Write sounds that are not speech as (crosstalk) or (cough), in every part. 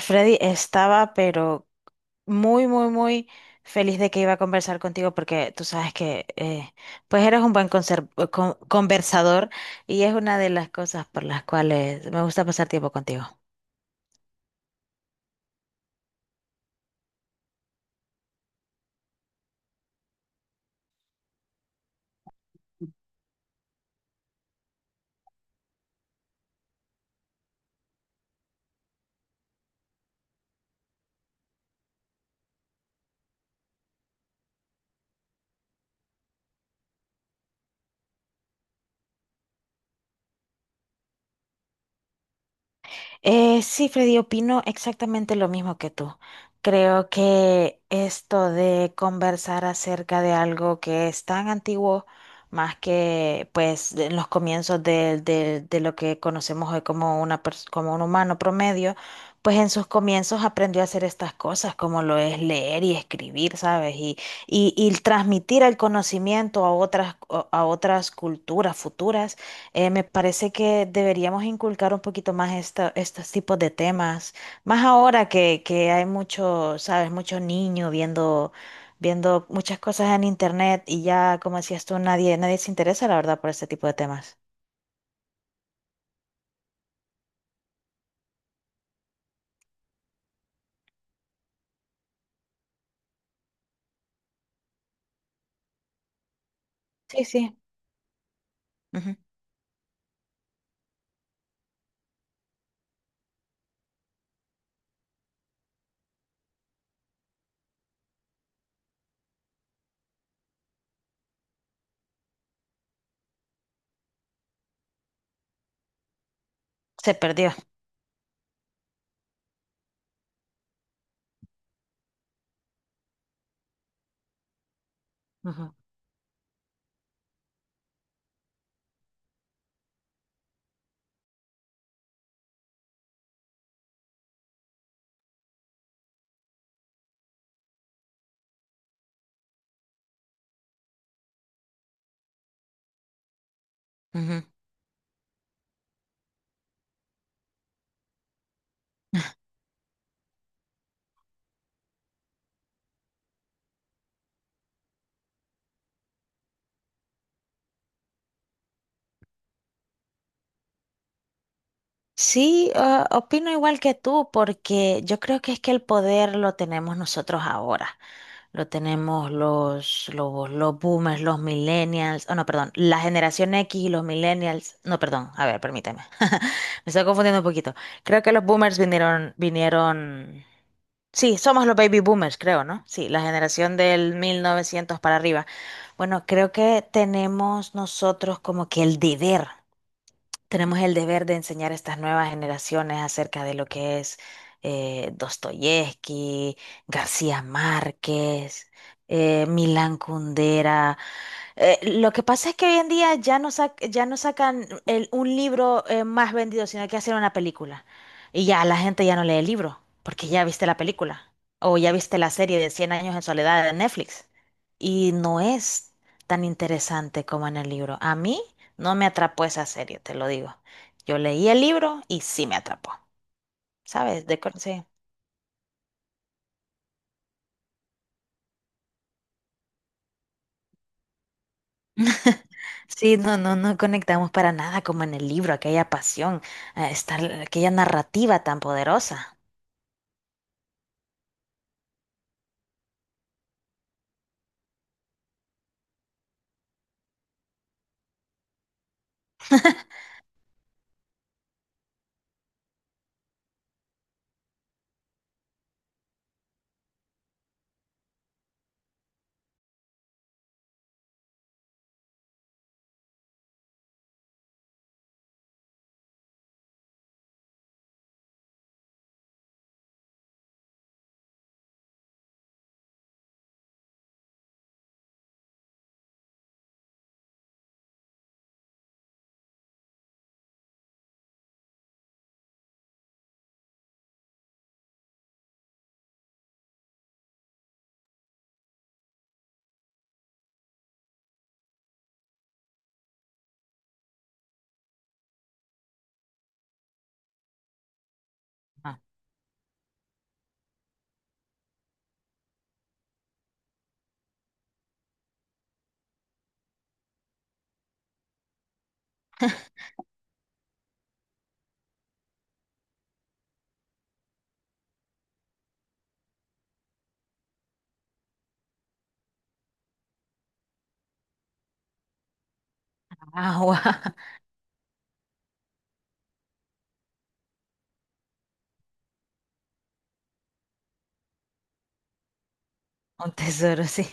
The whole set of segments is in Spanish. Freddy estaba, pero muy, muy, muy feliz de que iba a conversar contigo porque tú sabes que, pues eres un buen conversador y es una de las cosas por las cuales me gusta pasar tiempo contigo. Sí, Freddy, opino exactamente lo mismo que tú. Creo que esto de conversar acerca de algo que es tan antiguo, más que pues en los comienzos de lo que conocemos hoy como como un humano promedio, pues en sus comienzos aprendió a hacer estas cosas, como lo es leer y escribir, ¿sabes? Y transmitir el conocimiento a otras culturas futuras. Me parece que deberíamos inculcar un poquito más estos tipos de temas, más ahora que hay mucho, sabes, muchos niños viendo muchas cosas en internet y ya, como decías tú, nadie, nadie se interesa, la verdad, por este tipo de temas. Sí, sí. Ujú. Se perdió. Ujú, ujú. Sí, ah, opino igual que tú, porque yo creo que es que el poder lo tenemos nosotros ahora. Lo tenemos los boomers, los millennials, oh no, perdón, la generación X y los millennials. No, perdón, a ver, permíteme. (laughs) Me estoy confundiendo un poquito. Creo que los boomers vinieron, vinieron. Sí, somos los baby boomers, creo, ¿no? Sí, la generación del 1900 para arriba. Bueno, creo que tenemos nosotros como que el deber. Tenemos el deber de enseñar a estas nuevas generaciones acerca de lo que es Dostoyevsky, García Márquez, Milán Kundera, lo que pasa es que hoy en día ya no sacan un libro más vendido, sino que hacen una película. Y ya la gente ya no lee el libro, porque ya viste la película. O ya viste la serie de Cien años en soledad de Netflix. Y no es tan interesante como en el libro. A mí no me atrapó esa serie, te lo digo. Yo leí el libro y sí me atrapó. ¿Sabes? Sí. Sí, no, no conectamos para nada como en el libro, aquella pasión, aquella narrativa tan poderosa. Agua, (laughs) un tesoro, sí.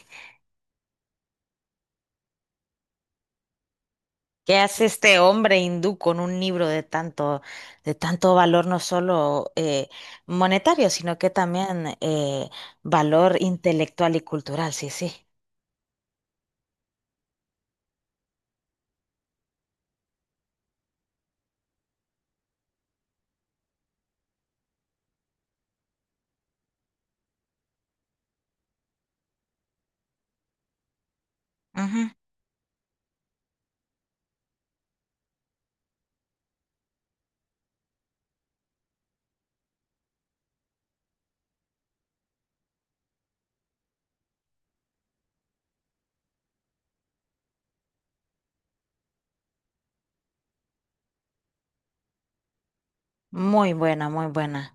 ¿Qué hace este hombre hindú con un libro de tanto valor, no solo monetario, sino que también valor intelectual y cultural? Sí, sí. Ujú. Muy buena, muy buena.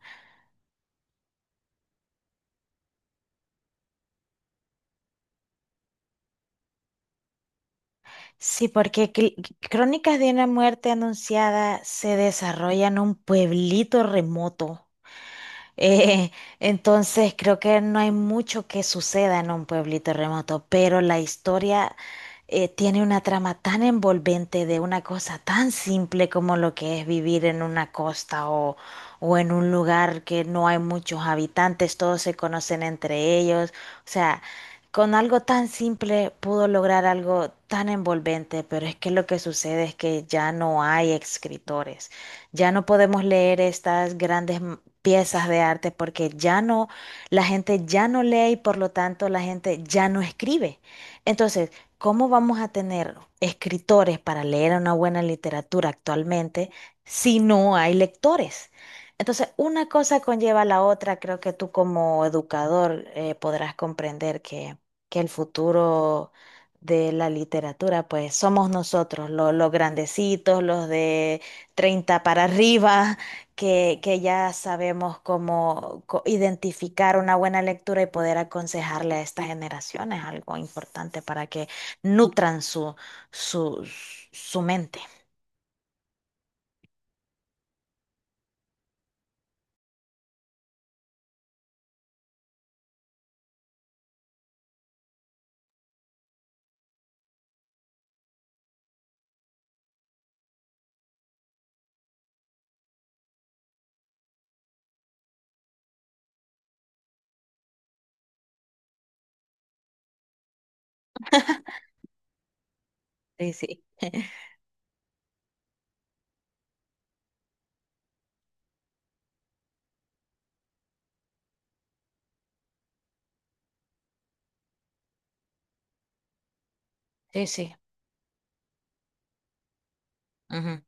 Sí, porque Crónicas de una muerte anunciada se desarrolla en un pueblito remoto. Eh, entonces creo que no hay mucho que suceda en un pueblito remoto, pero la historia tiene una trama tan envolvente de una cosa tan simple como lo que es vivir en una costa o en un lugar que no hay muchos habitantes, todos se conocen entre ellos. O sea, con algo tan simple pudo lograr algo tan envolvente, pero es que lo que sucede es que ya no hay escritores. Ya no podemos leer estas grandes piezas de arte porque la gente ya no lee y por lo tanto la gente ya no escribe. Entonces, ¿cómo vamos a tener escritores para leer una buena literatura actualmente si no hay lectores? Entonces, una cosa conlleva a la otra. Creo que tú como educador podrás comprender que el futuro de la literatura, pues somos nosotros, los grandecitos, los de 30 para arriba, que ya sabemos cómo identificar una buena lectura y poder aconsejarle a estas generaciones algo importante para que nutran su, su mente. Sí, sí. Sí, sí. Ujú,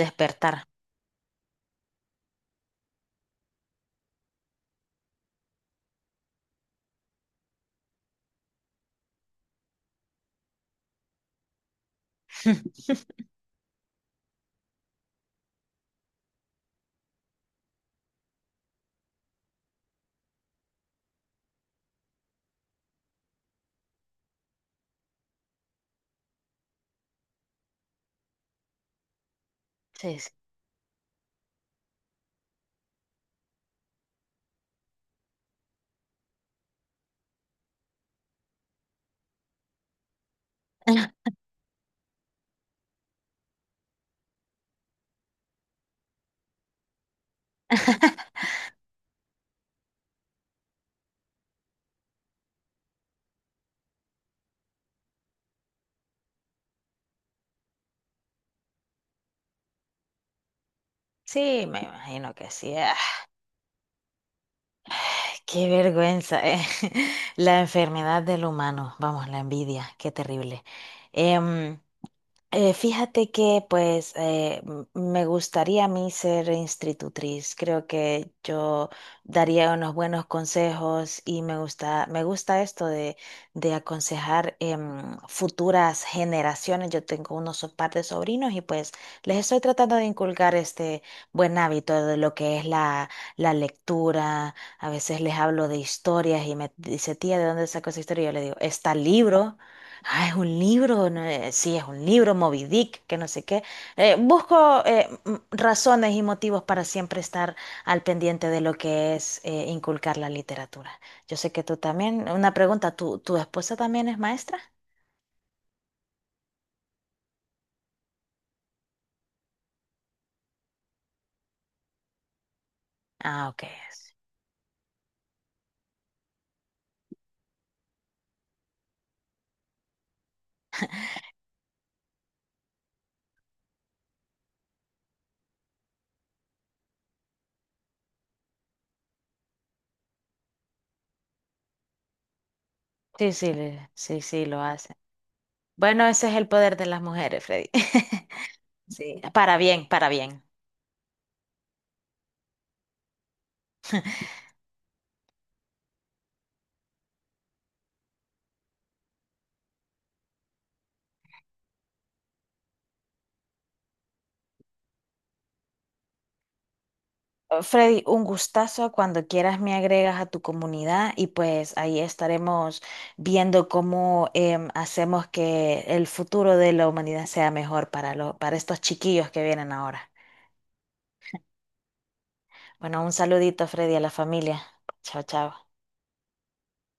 despertar. (laughs) Sí, sí. Sí, me imagino que sí. Ay, qué vergüenza, eh. (laughs) La enfermedad del humano. Vamos, la envidia, qué terrible. Em, Fíjate que pues me gustaría a mí ser institutriz. Creo que yo daría unos buenos consejos y me gusta esto de aconsejar futuras generaciones. Yo tengo unos par de sobrinos y pues les estoy tratando de inculcar este buen hábito de lo que es la lectura. A veces les hablo de historias y me dice, tía, ¿de dónde sacó esa historia? Y yo le digo, está el libro. Ah, es un libro, no, sí, es un libro, Moby Dick, que no sé qué. Busco razones y motivos para siempre estar al pendiente de lo que es inculcar la literatura. Yo sé que tú también, una pregunta, ¿tu esposa también es maestra? Ah, ok. Sí, sí, le- sí, sí, lo hace. Bueno, ese es el poder de las mujeres, Freddy. (laughs) Sí, para bien, para bien. Freddy, un gustazo. Cuando quieras me agregas a tu comunidad y pues ahí estaremos viendo cómo hacemos que el futuro de la humanidad sea mejor para, para estos chiquillos que vienen ahora. Bueno, un saludito, Freddy, a la familia. Chao, chao.